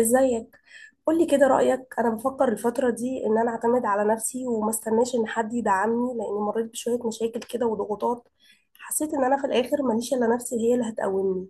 ازيك؟ قولي كده رأيك. انا بفكر الفترة دي ان انا اعتمد على نفسي وما استناش ان حد يدعمني، لاني مريت بشوية مشاكل كده وضغوطات. حسيت ان انا في الاخر ماليش الا نفسي هي اللي هتقومني.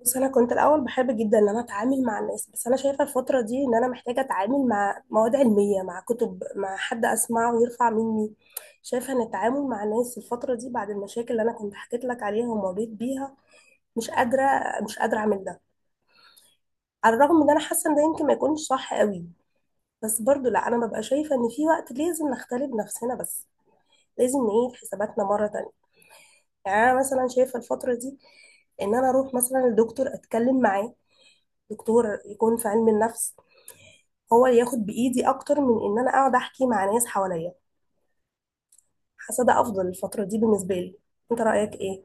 بص، انا كنت الاول بحب جدا ان انا اتعامل مع الناس، بس انا شايفة الفترة دي ان انا محتاجة اتعامل مع مواد علمية، مع كتب، مع حد اسمعه ويرفع مني. شايفة ان التعامل مع الناس الفترة دي، بعد المشاكل اللي انا كنت حكيت لك عليها ومريت بيها، مش قادرة. مش قادرة اعمل ده. على الرغم ان انا حاسة ان ده يمكن ما يكونش صح قوي، بس برضو لا، انا ببقى شايفه ان في وقت لازم نختلي بنفسنا بس. لازم نعيد حساباتنا مره تانية. يعني انا مثلا شايفه الفتره دي ان انا اروح مثلا لدكتور اتكلم معاه، دكتور يكون في علم النفس، هو اللي ياخد بايدي، اكتر من ان انا اقعد احكي مع ناس حواليا. حاسه ده افضل الفتره دي بالنسبه لي. انت رايك ايه؟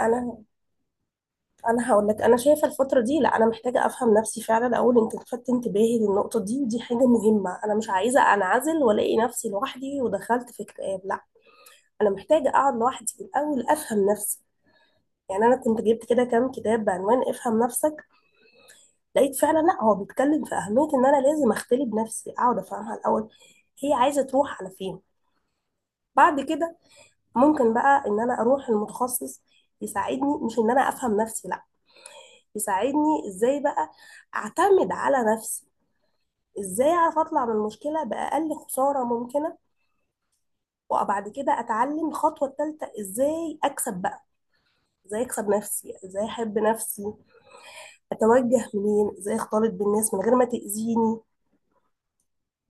انا انا هقول لك، انا شايفه الفتره دي لا، انا محتاجه افهم نفسي فعلا. اقول انت لفتت انتباهي للنقطه دي، ودي حاجه مهمه. انا مش عايزه انعزل والاقي نفسي لوحدي ودخلت في اكتئاب، لا. انا محتاجه اقعد لوحدي في الاول، افهم نفسي. يعني انا كنت جبت كده كام كتاب بعنوان افهم نفسك، لقيت فعلا لا، هو بيتكلم في اهميه ان انا لازم اختلي بنفسي، اقعد افهمها الاول، هي عايزه تروح على فين. بعد كده ممكن بقى ان انا اروح المتخصص يساعدني، مش ان انا افهم نفسي، لا. يساعدني ازاي بقى اعتمد على نفسي. ازاي اعرف اطلع من المشكله باقل خساره ممكنه. وبعد كده اتعلم الخطوه الثالثه، ازاي اكسب بقى، ازاي اكسب نفسي، ازاي احب نفسي، اتوجه منين، ازاي اختلط بالناس من غير ما تأذيني.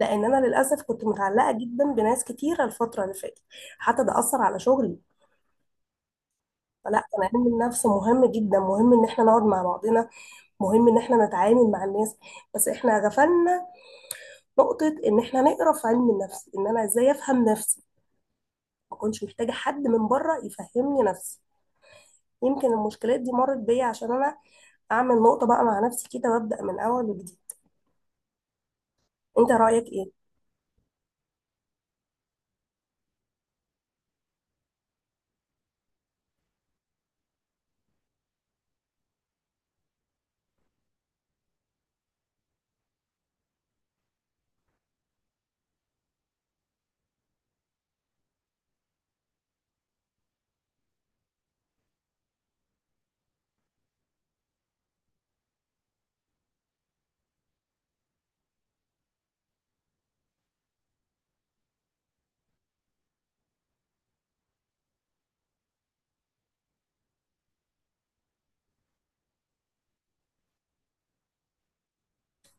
لان انا للاسف كنت متعلقه جدا بناس كتيره الفتره اللي فاتت. حتى ده اثر على شغلي. فلا، انا علم النفس مهم جدا. مهم ان احنا نقعد مع بعضنا، مهم ان احنا نتعامل مع الناس، بس احنا غفلنا نقطه ان احنا نقرا في علم النفس ان انا ازاي افهم نفسي. ما كنتش محتاجه حد من بره يفهمني نفسي. يمكن المشكلات دي مرت بيا عشان انا اعمل نقطه بقى مع نفسي كده وابدا من اول وجديد. انت رايك ايه؟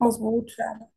مظبوط فعلا.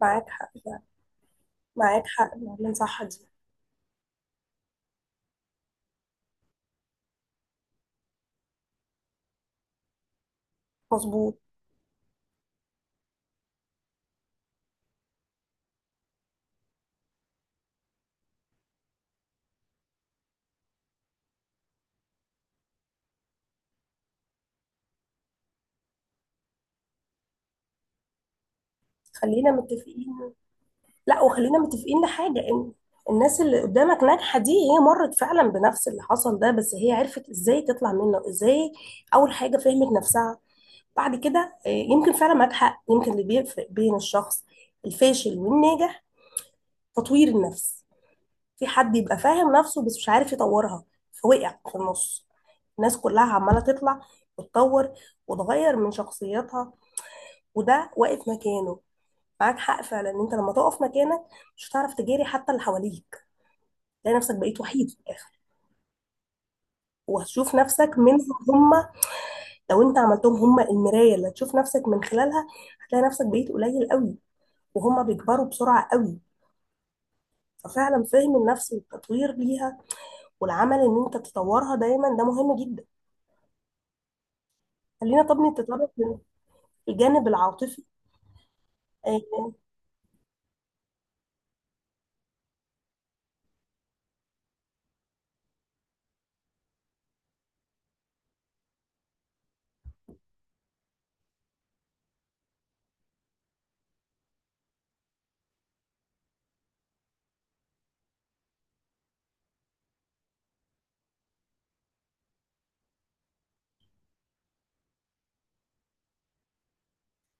معاك حق. معاك حق فعلا، صح دي. مظبوط. خلينا متفقين. لا، وخلينا متفقين لحاجة، ان الناس اللي قدامك ناجحة دي، هي مرت فعلا بنفس اللي حصل ده، بس هي عرفت ازاي تطلع منه. ازاي؟ اول حاجة فهمت نفسها. بعد كده آه، يمكن فعلا معاك حق. يمكن اللي بيفرق بين الشخص الفاشل والناجح تطوير النفس. في حد يبقى فاهم نفسه بس مش عارف يطورها، فوقع في النص. الناس كلها عمالة تطلع وتطور وتغير من شخصيتها، وده واقف مكانه. معاك حق فعلا ان انت لما تقف مكانك مش هتعرف تجاري حتى اللي حواليك. تلاقي نفسك بقيت وحيد في الاخر. وهتشوف نفسك منهم هم. لو انت عملتهم هم المرايه اللي هتشوف نفسك من خلالها، هتلاقي نفسك بقيت قليل قوي، وهم بيكبروا بسرعه قوي. ففعلا فهم النفس والتطوير ليها والعمل ان انت تطورها دايما ده مهم جدا. خلينا طب نتطرق للجانب العاطفي. آه،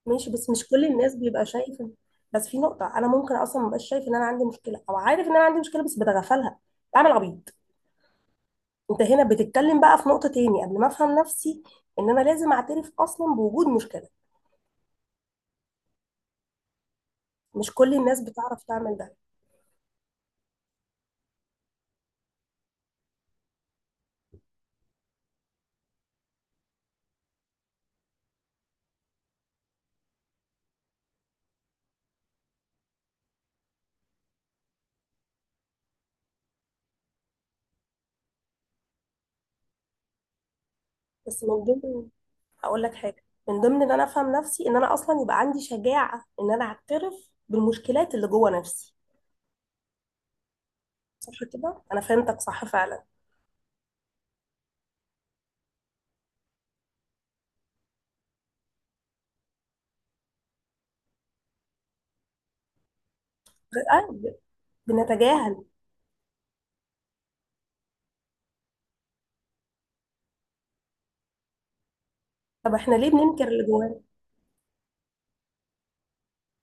ماشي. بس مش كل الناس بيبقى شايف. بس في نقطه، انا ممكن اصلا مبقاش شايف ان انا عندي مشكله، او عارف ان انا عندي مشكله بس بتغفلها، بعمل عبيط. انت هنا بتتكلم بقى في نقطة تاني قبل ما افهم نفسي، ان انا لازم اعترف اصلا بوجود مشكلة. مش كل الناس بتعرف تعمل ده. بس من ضمن هقول لك حاجة، من ضمن ان انا افهم نفسي ان انا اصلا يبقى عندي شجاعة ان انا اعترف بالمشكلات اللي جوه نفسي. صح كده؟ انا فهمتك صح فعلا. آه، بنتجاهل. طب احنا ليه بننكر اللي جوانا؟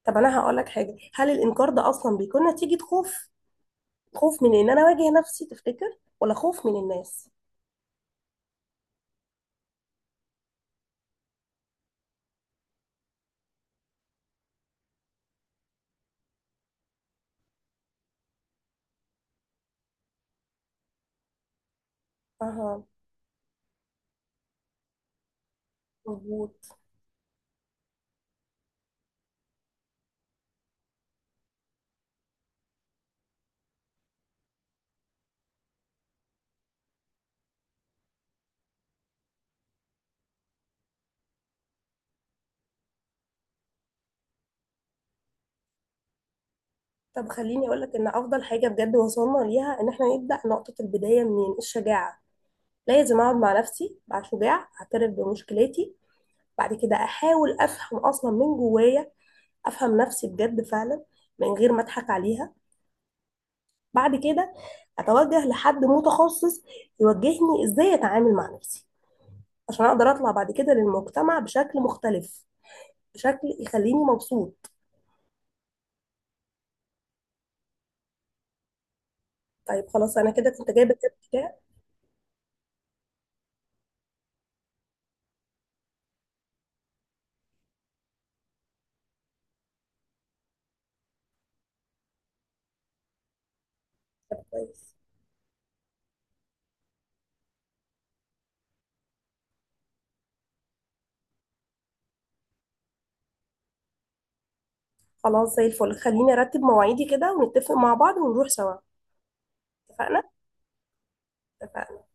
طب انا هقول لك حاجة، هل الانكار ده اصلا بيكون نتيجة خوف؟ خوف من ان انا اواجه نفسي تفتكر، ولا خوف من الناس؟ اها. مظبوط. طب خليني أقولك، إن أفضل حاجة بجد وصلنا ليها، إن إحنا نبدأ نقطة البداية منين، الشجاعة. لازم أقعد مع نفسي، أبقى شجاع، أعترف بمشكلتي. بعد كده أحاول أفهم أصلا من جوايا، أفهم نفسي بجد فعلا، من غير ما أضحك عليها. بعد كده أتوجه لحد متخصص يوجهني إزاي أتعامل مع نفسي، عشان أقدر أطلع بعد كده للمجتمع بشكل مختلف، بشكل يخليني مبسوط. طيب خلاص، أنا كده كنت جايبة كده. كويس. خلاص، زي الفل. خليني ارتب مواعيدي كده ونتفق مع بعض ونروح سوا. اتفقنا. اتفقنا.